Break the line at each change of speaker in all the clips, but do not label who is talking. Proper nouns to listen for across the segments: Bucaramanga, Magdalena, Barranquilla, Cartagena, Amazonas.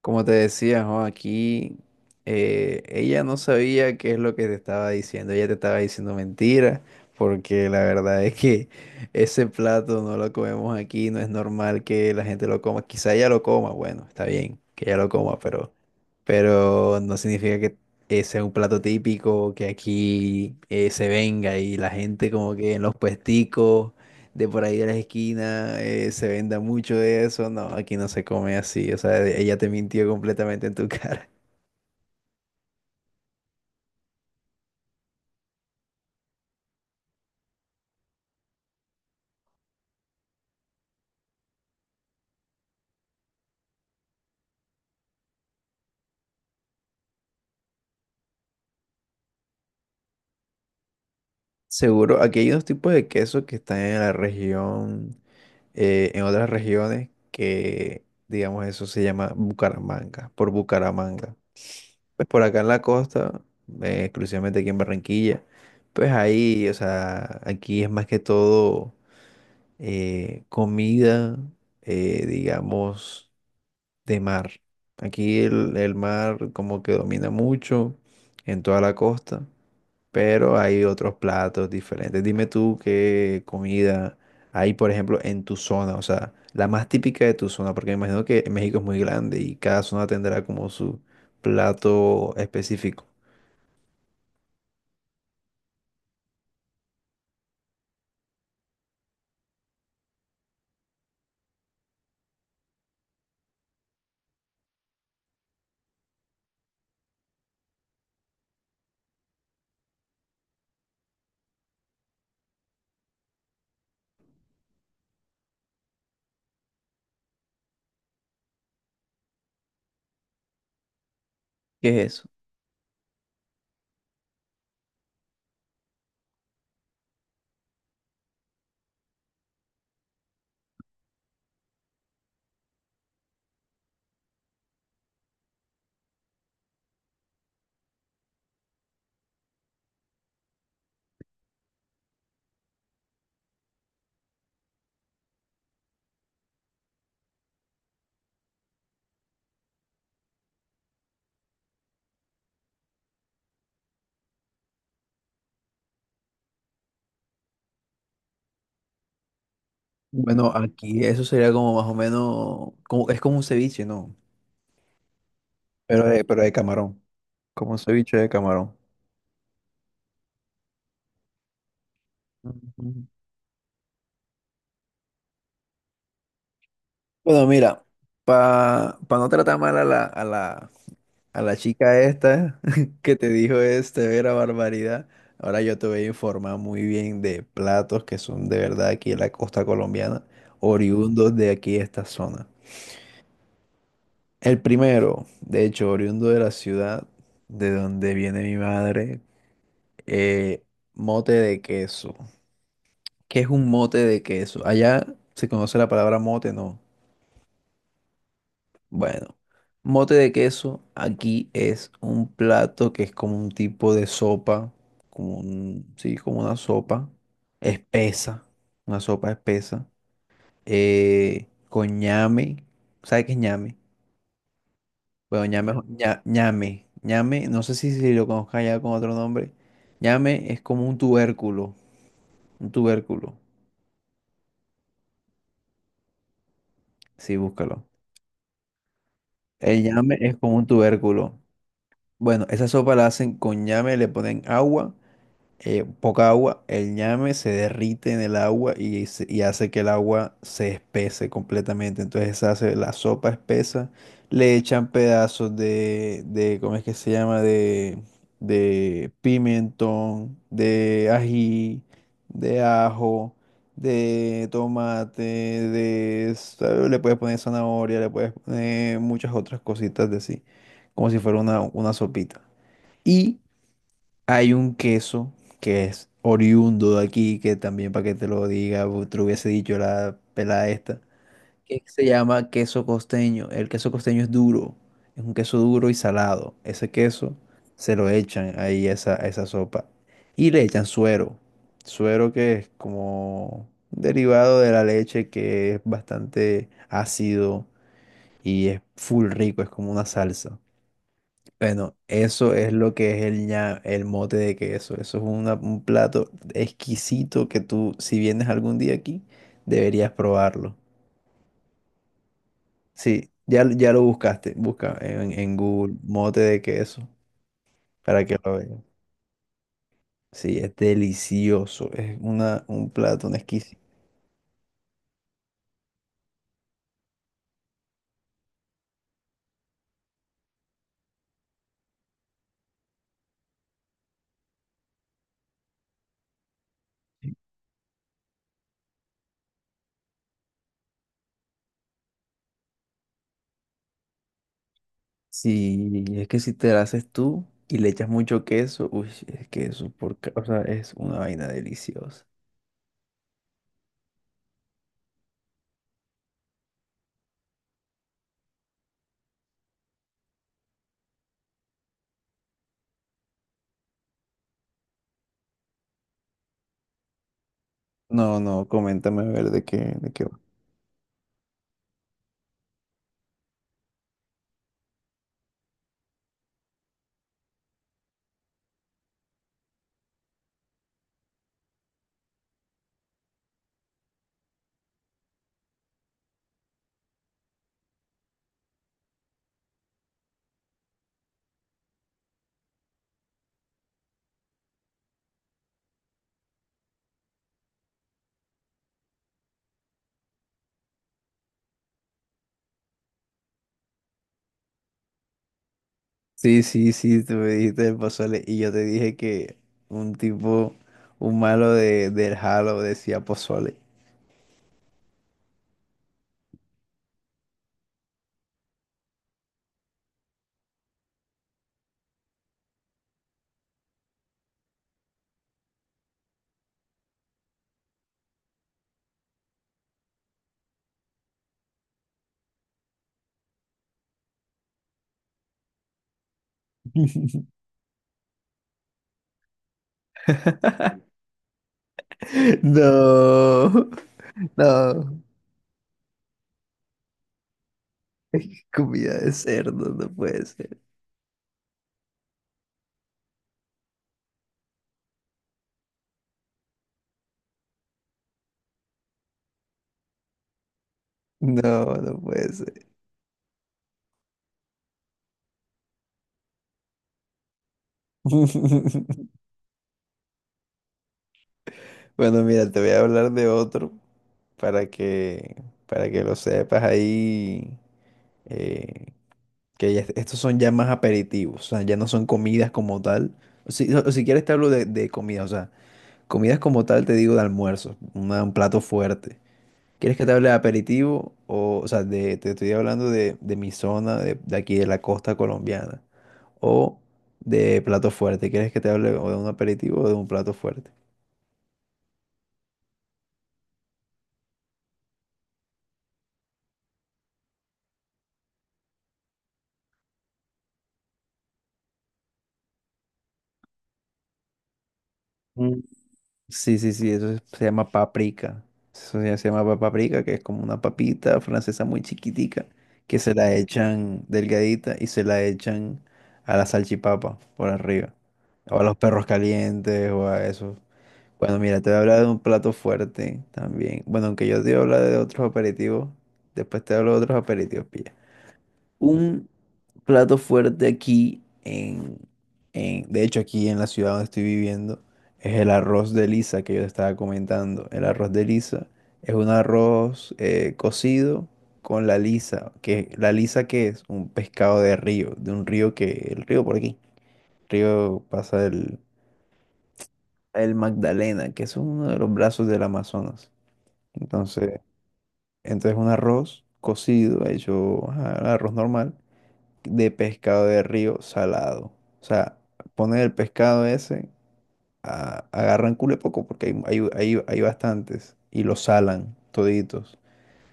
Como te decía, jo, aquí ella no sabía qué es lo que te estaba diciendo. Ella te estaba diciendo mentiras, porque la verdad es que ese plato no lo comemos aquí, no es normal que la gente lo coma. Quizá ella lo coma, bueno, está bien que ella lo coma, pero no significa que ese sea un plato típico, que aquí se venga y la gente como que en los puesticos de por ahí de las esquinas, se venda mucho de eso. No, aquí no se come así. O sea, ella te mintió completamente en tu cara. Seguro, aquí hay unos tipos de queso que están en la región, en otras regiones, que digamos eso se llama Bucaramanga, por Bucaramanga. Pues por acá en la costa, exclusivamente aquí en Barranquilla, pues ahí, o sea, aquí es más que todo comida, digamos. De mar. Aquí el mar como que domina mucho en toda la costa, pero hay otros platos diferentes. Dime tú qué comida hay, por ejemplo, en tu zona, o sea, la más típica de tu zona, porque me imagino que México es muy grande y cada zona tendrá como su plato específico. ¿Qué es eso? Bueno, aquí eso sería como más o menos, como, es como un ceviche, ¿no? Pero de camarón, como un ceviche de camarón. Ujú. Bueno, mira, para no tratar mal a la, a la, a la chica esta que te dijo este vera barbaridad, ahora yo te voy a informar muy bien de platos que son de verdad aquí en la costa colombiana, oriundos de aquí esta zona. El primero, de hecho, oriundo de la ciudad de donde viene mi madre, eh, mote de queso. ¿Qué es un mote de queso? Allá se conoce la palabra mote, ¿no? Bueno, mote de queso aquí es un plato que es como un tipo de sopa, como un, sí, como espesa, una sopa espesa, con ñame, ¿sabe qué es ñame? Bueno, ñame, ñame, ñame, no sé si, si lo conozca ya con otro nombre, ñame es como un tubérculo, sí, búscalo. El ñame es como un tubérculo. Bueno, esa sopa la hacen con ñame, le ponen agua. Poca agua, el ñame se derrite en el agua y, y hace que el agua se espese completamente. Entonces se hace la sopa espesa, le echan pedazos de ¿cómo es que se llama? De pimentón, de ají, de ajo, de tomate, de... Le puedes poner zanahoria, le puedes poner muchas otras cositas de sí, como si fuera una sopita. Y hay un queso que es oriundo de aquí, que también para que te lo diga, te lo hubiese dicho la pelada esta, que se llama queso costeño. El queso costeño es duro, es un queso duro y salado. Ese queso se lo echan ahí a esa sopa. Y le echan suero, suero que es como derivado de la leche que es bastante ácido y es full rico, es como una salsa. Bueno, eso es lo que es el ña, el mote de queso. Eso es un plato exquisito que tú, si vienes algún día aquí, deberías probarlo. Sí, ya, ya lo buscaste. Busca en Google mote de queso para que lo veas. Sí, es delicioso. Es una, un plato, un exquisito. Sí, es que si te lo haces tú y le echas mucho queso, uy, es que eso por, o sea, es una vaina deliciosa. No, no, coméntame a ver de qué, de qué. Sí, sí, sí, tú me dijiste del pozole y yo te dije que un tipo, un malo de, del Halo decía pozole. No, no, comida de cerdo, no puede ser. No, no puede ser. Bueno, mira, te voy a hablar de otro para que, para que lo sepas ahí. eh, Estos son ya más aperitivos, o sea, ya no son comidas como tal. O si quieres te hablo de comida, o sea, comidas como tal te digo de almuerzo, un plato fuerte. ¿Quieres que te hable de aperitivo? O sea, te estoy hablando de mi zona, de aquí de la costa colombiana. O de plato fuerte. ¿Quieres que te hable o de un aperitivo o de un plato fuerte? Sí, sí, sí, se llama paprika. Eso ya se llama paprika, que es como una papita francesa muy chiquitica, que se la echan delgadita y se la echan a la salchipapa por arriba, o a los perros calientes, o a eso. Bueno, mira, te voy a hablar de un plato fuerte también. Bueno, aunque yo te voy a hablar de otros aperitivos, después te hablo de otros aperitivos, pilla. Un plato fuerte aquí en, de hecho aquí en la ciudad donde estoy viviendo, es el arroz de lisa que yo te estaba comentando. El arroz de lisa es un arroz cocido con la lisa que es un pescado de río, de un río que, el río por aquí, río pasa el Magdalena, que es uno de los brazos del Amazonas. Entonces, entonces un arroz cocido, hecho ajá, arroz normal de pescado de río salado. O sea, ponen el pescado ese, agarran cule poco porque hay, hay bastantes y lo salan toditos.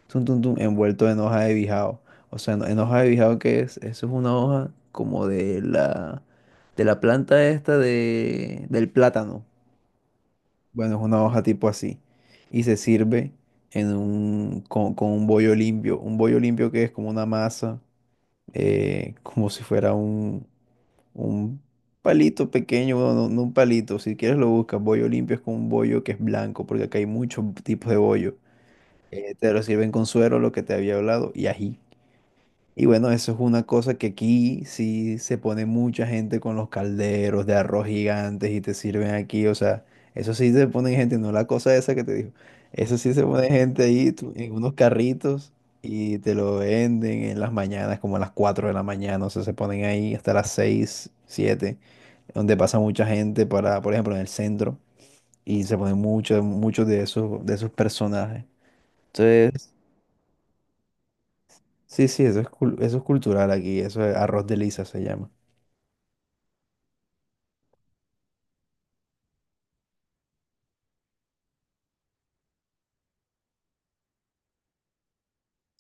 Tum, tum, tum, envuelto en hoja de bijao. O sea, en hoja de bijao, ¿qué es? Eso es una hoja como de la planta esta de, del plátano. Bueno, es una hoja tipo así. Y se sirve en un, con un bollo limpio. Un bollo limpio que es como una masa, como si fuera un palito pequeño, bueno, no, no un palito, si quieres lo buscas, bollo limpio es con un bollo que es blanco, porque acá hay muchos tipos de bollo. Te lo sirven con suero, lo que te había hablado, y ají. Y bueno, eso es una cosa que aquí sí se pone mucha gente con los calderos de arroz gigantes y te sirven aquí, o sea, eso sí se pone gente, no la cosa esa que te dijo, eso sí se pone gente ahí tú, en unos carritos y te lo venden en las mañanas, como a las 4 de la mañana, o sea, se ponen ahí hasta las 6 7 donde pasa mucha gente para, por ejemplo, en el centro, y se ponen muchos, muchos de esos personajes. Entonces, sí, sí, eso es, eso es cultural aquí, eso es arroz de lisa se llama.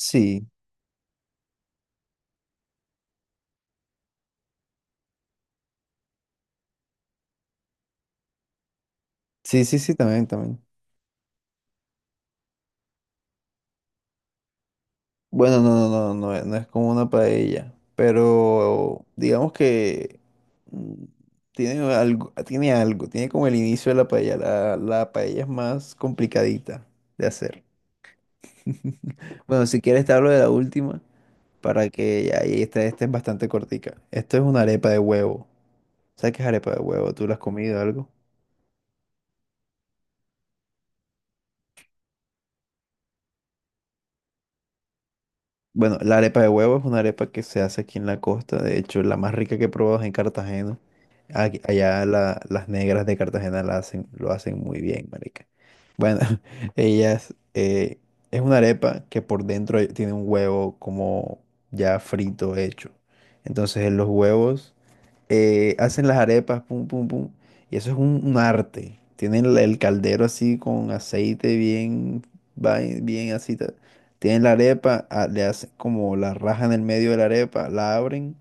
Sí, sí, sí, sí, también, también. Bueno, no, no, no, no, es no es como una paella, pero digamos que mm, tiene algo, tiene algo, tiene como el inicio de la paella, la paella es más complicadita de hacer. Bueno, si quieres te hablo de la última, para que ahí esta, esta es bastante cortica. Esto es una arepa de huevo. ¿Sabes qué es arepa de huevo? ¿Tú la has comido algo? Bueno, la arepa de huevo es una arepa que se hace aquí en la costa. De hecho, la más rica que he probado es en Cartagena. Allá las negras de Cartagena la hacen, lo hacen muy bien, marica. Bueno, ellas es una arepa que por dentro tiene un huevo como ya frito hecho. Entonces, los huevos hacen las arepas, pum, pum, pum. Y eso es un arte. Tienen el caldero así con aceite bien, bien así. Tienen la arepa, ah, le hacen como la raja en el medio de la arepa, la abren,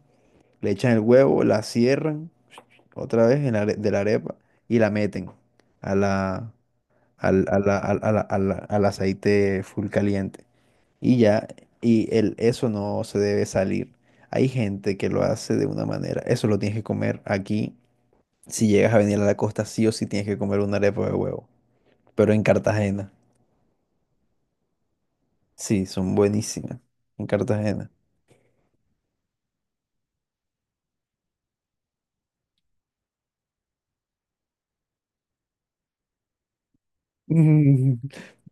le echan el huevo, la cierran otra vez en la are- de la arepa y la meten a la, al, al, al aceite full caliente. Y ya, y el, eso no se debe salir. Hay gente que lo hace de una manera, eso lo tienes que comer aquí si llegas a venir a la costa, sí o sí tienes que comer una arepa de huevo. Pero en Cartagena. Sí, son buenísimas. En Cartagena. Mm.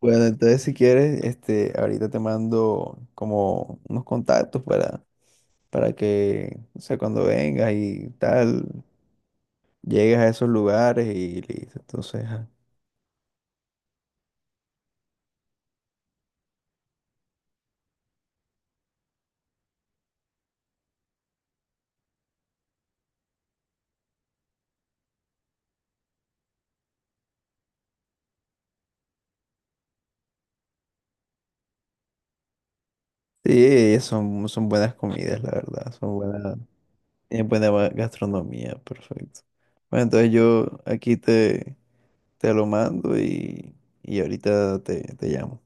Bueno, entonces si quieres, este, ahorita te mando como unos contactos para que, o sea, cuando vengas y tal, llegues a esos lugares y listo. Entonces, ajá. Sí, son, son buenas comidas, la verdad. Son buenas, tienen buena gastronomía, perfecto. Bueno, entonces yo aquí te, te lo mando y ahorita te, te llamo.